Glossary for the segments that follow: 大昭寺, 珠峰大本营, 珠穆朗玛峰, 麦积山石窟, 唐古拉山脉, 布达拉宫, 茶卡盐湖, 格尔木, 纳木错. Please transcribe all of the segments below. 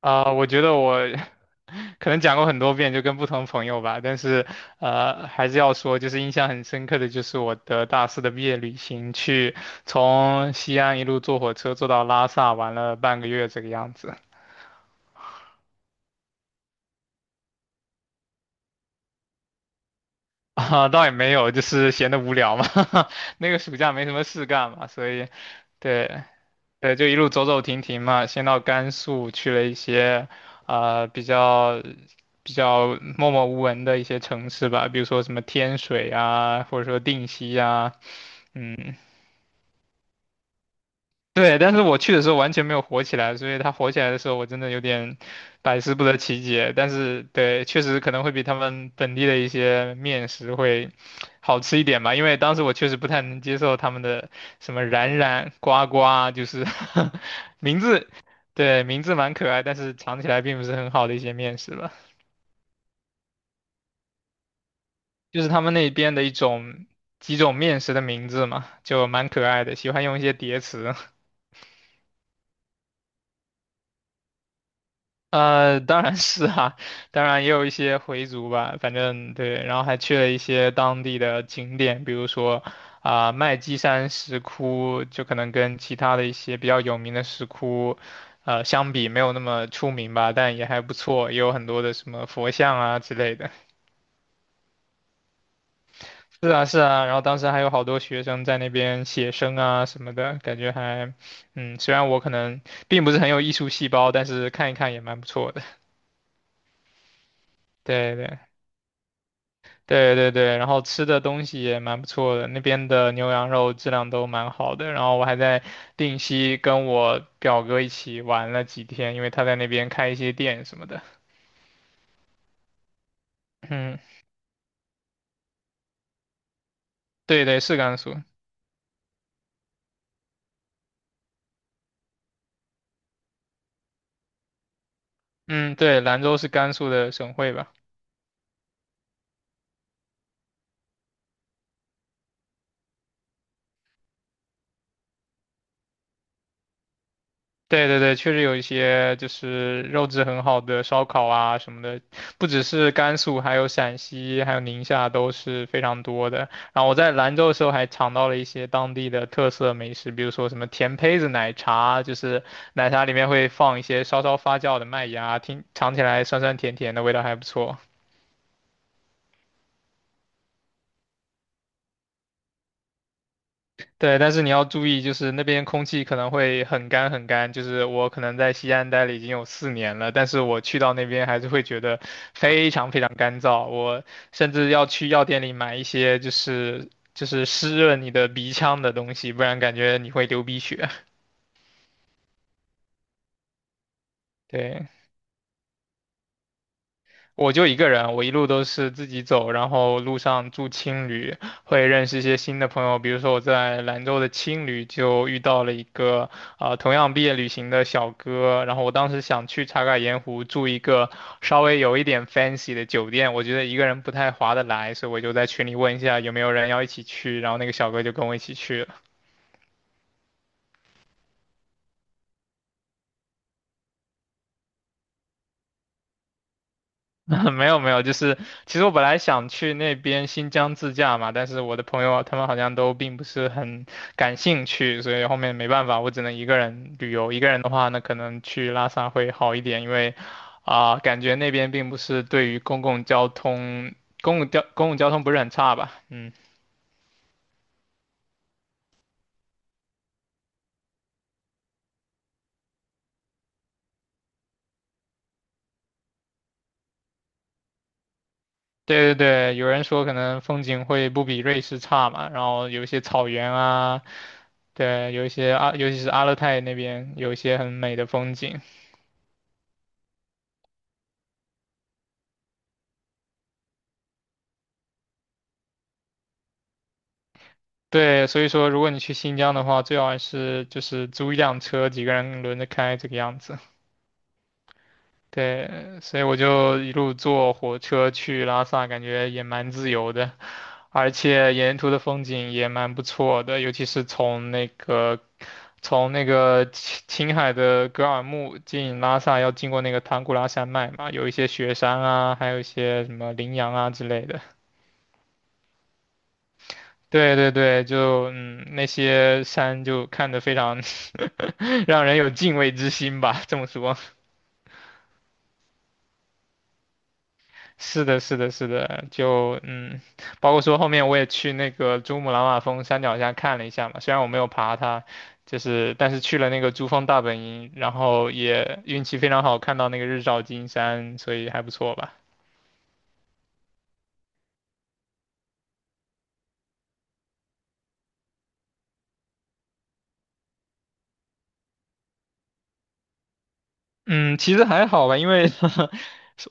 我觉得我 可能讲过很多遍，就跟不同朋友吧，但是还是要说，就是印象很深刻的就是我的大四的毕业旅行，去从西安一路坐火车坐到拉萨，玩了半个月这个样子。啊，倒也没有，就是闲得无聊嘛，那个暑假没什么事干嘛，所以，对，对，就一路走走停停嘛，先到甘肃去了一些，啊、比较比较默默无闻的一些城市吧，比如说什么天水啊，或者说定西啊，嗯。对，但是我去的时候完全没有火起来，所以它火起来的时候，我真的有点百思不得其解。但是，对，确实可能会比他们本地的一些面食会好吃一点吧，因为当时我确实不太能接受他们的什么冉冉、呱呱啊，就是 名字，对，名字蛮可爱，但是尝起来并不是很好的一些面食吧，就是他们那边的一种几种面食的名字嘛，就蛮可爱的，喜欢用一些叠词。当然是啊，当然也有一些回族吧，反正对，然后还去了一些当地的景点，比如说麦积山石窟，就可能跟其他的一些比较有名的石窟，相比没有那么出名吧，但也还不错，也有很多的什么佛像啊之类的。是啊，是啊，然后当时还有好多学生在那边写生啊什么的，感觉还，嗯，虽然我可能并不是很有艺术细胞，但是看一看也蛮不错的。对对。对对对，然后吃的东西也蛮不错的，那边的牛羊肉质量都蛮好的。然后我还在定西跟我表哥一起玩了几天，因为他在那边开一些店什么的。嗯，对对，是甘肃。嗯，对，兰州是甘肃的省会吧？对对对，确实有一些就是肉质很好的烧烤啊什么的，不只是甘肃，还有陕西，还有宁夏都是非常多的。然后我在兰州的时候还尝到了一些当地的特色美食，比如说什么甜胚子奶茶，就是奶茶里面会放一些稍稍发酵的麦芽，听尝起来酸酸甜甜的，味道还不错。对，但是你要注意，就是那边空气可能会很干很干。就是我可能在西安待了已经有4年了，但是我去到那边还是会觉得非常非常干燥。我甚至要去药店里买一些就是湿润你的鼻腔的东西，不然感觉你会流鼻血。对。我就一个人，我一路都是自己走，然后路上住青旅，会认识一些新的朋友。比如说我在兰州的青旅就遇到了一个同样毕业旅行的小哥，然后我当时想去茶卡盐湖住一个稍微有一点 fancy 的酒店，我觉得一个人不太划得来，所以我就在群里问一下有没有人要一起去，然后那个小哥就跟我一起去了。没有没有，就是其实我本来想去那边新疆自驾嘛，但是我的朋友啊他们好像都并不是很感兴趣，所以后面没办法，我只能一个人旅游。一个人的话呢，可能去拉萨会好一点，因为感觉那边并不是对于公共交通，公共交通不是很差吧？嗯，对对对，有人说可能风景会不比瑞士差嘛，然后有一些草原啊，对，有一些阿，尤其是阿勒泰那边有一些很美的风景。对，所以说如果你去新疆的话，最好还是就是租一辆车，几个人轮着开这个样子。对，所以我就一路坐火车去拉萨，感觉也蛮自由的，而且沿途的风景也蛮不错的，尤其是从那个青海的格尔木进拉萨，要经过那个唐古拉山脉嘛，有一些雪山啊，还有一些什么羚羊啊之类的。对对对，就嗯，那些山就看着非常让人有敬畏之心吧，这么说。是的，是的，是的，就嗯，包括说后面我也去那个珠穆朗玛峰山脚下看了一下嘛，虽然我没有爬它，就是但是去了那个珠峰大本营，然后也运气非常好，看到那个日照金山，所以还不错吧。嗯，其实还好吧，因为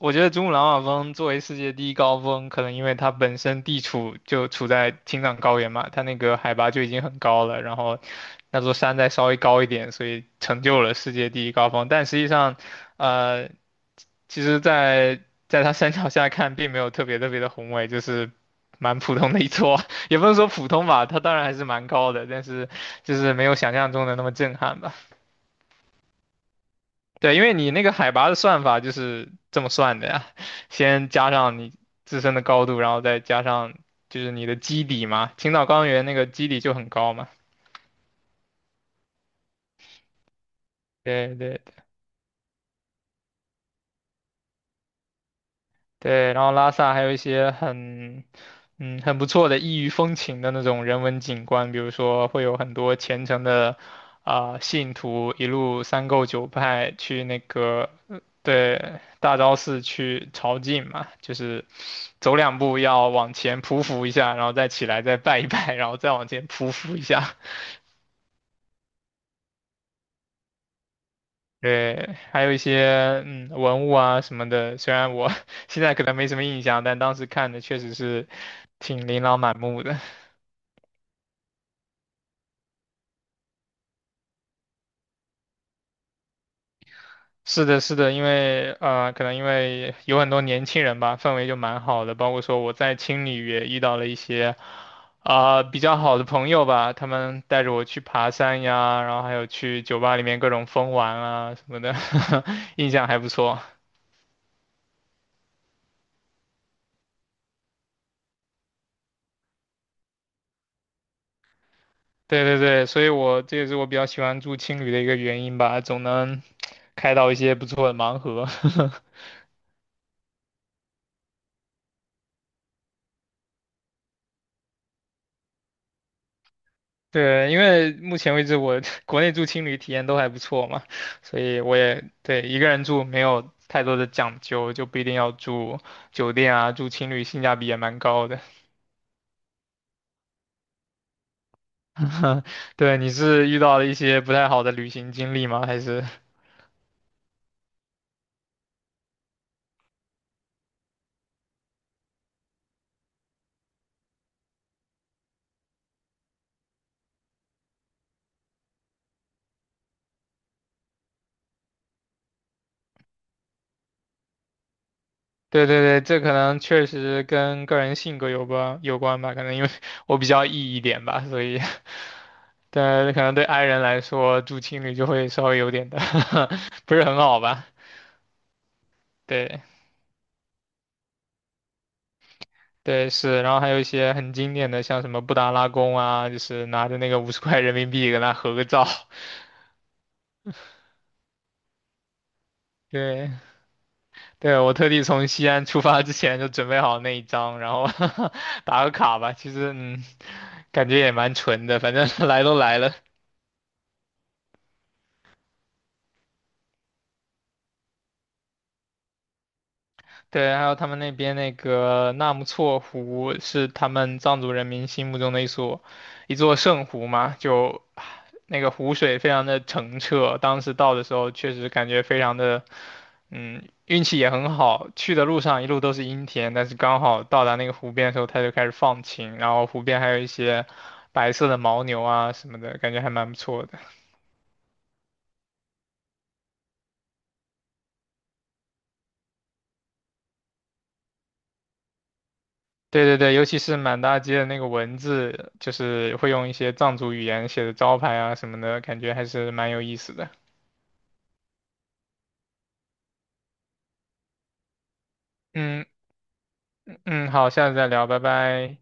我觉得珠穆朗玛峰作为世界第一高峰，可能因为它本身地处就处在青藏高原嘛，它那个海拔就已经很高了，然后那座山再稍微高一点，所以成就了世界第一高峰。但实际上，呃，其实在，在它山脚下看，并没有特别特别的宏伟，就是蛮普通的一座，也不能说普通吧，它当然还是蛮高的，但是就是没有想象中的那么震撼吧。对，因为你那个海拔的算法就是这么算的呀，先加上你自身的高度，然后再加上就是你的基底嘛。青岛高原那个基底就很高嘛。对对。对，然后拉萨还有一些很，嗯，很不错的异域风情的那种人文景观，比如说会有很多虔诚的信徒一路三叩九拜去那个，对，大昭寺去朝觐嘛，就是走两步要往前匍匐一下，然后再起来再拜一拜，然后再往前匍匐一下。对，还有一些嗯文物啊什么的，虽然我 现在可能没什么印象，但当时看的确实是挺琳琅满目的。是的，是的，因为可能因为有很多年轻人吧，氛围就蛮好的。包括说我在青旅也遇到了一些比较好的朋友吧，他们带着我去爬山呀，然后还有去酒吧里面各种疯玩啊什么的，印象还不错。对对对，所以我这也是我比较喜欢住青旅的一个原因吧，总能开到一些不错的盲盒。对，因为目前为止我 国内住青旅体验都还不错嘛，所以我也对一个人住没有太多的讲究，就不一定要住酒店啊，住青旅性价比也蛮高的。对，你是遇到了一些不太好的旅行经历吗？还是？对对对，这可能确实跟个人性格有关吧，可能因为我比较 E 一点吧，所以 但可能对 i 人来说，住青旅就会稍微有点的 不是很好吧？对对是，然后还有一些很经典的，像什么布达拉宫啊，就是拿着那个50块人民币跟他合个照。对对，我特地从西安出发之前就准备好那一张，然后 打个卡吧。其实嗯，感觉也蛮纯的，反正 来都来了。对，还有他们那边那个纳木错湖是他们藏族人民心目中的一座圣湖嘛，就啊那个湖水非常的澄澈，当时到的时候确实感觉非常的，嗯，运气也很好，去的路上一路都是阴天，但是刚好到达那个湖边的时候，它就开始放晴，然后湖边还有一些白色的牦牛啊什么的，感觉还蛮不错的。对对对，尤其是满大街的那个文字，就是会用一些藏族语言写的招牌啊什么的，感觉还是蛮有意思的。嗯嗯，好，下次再聊，拜拜。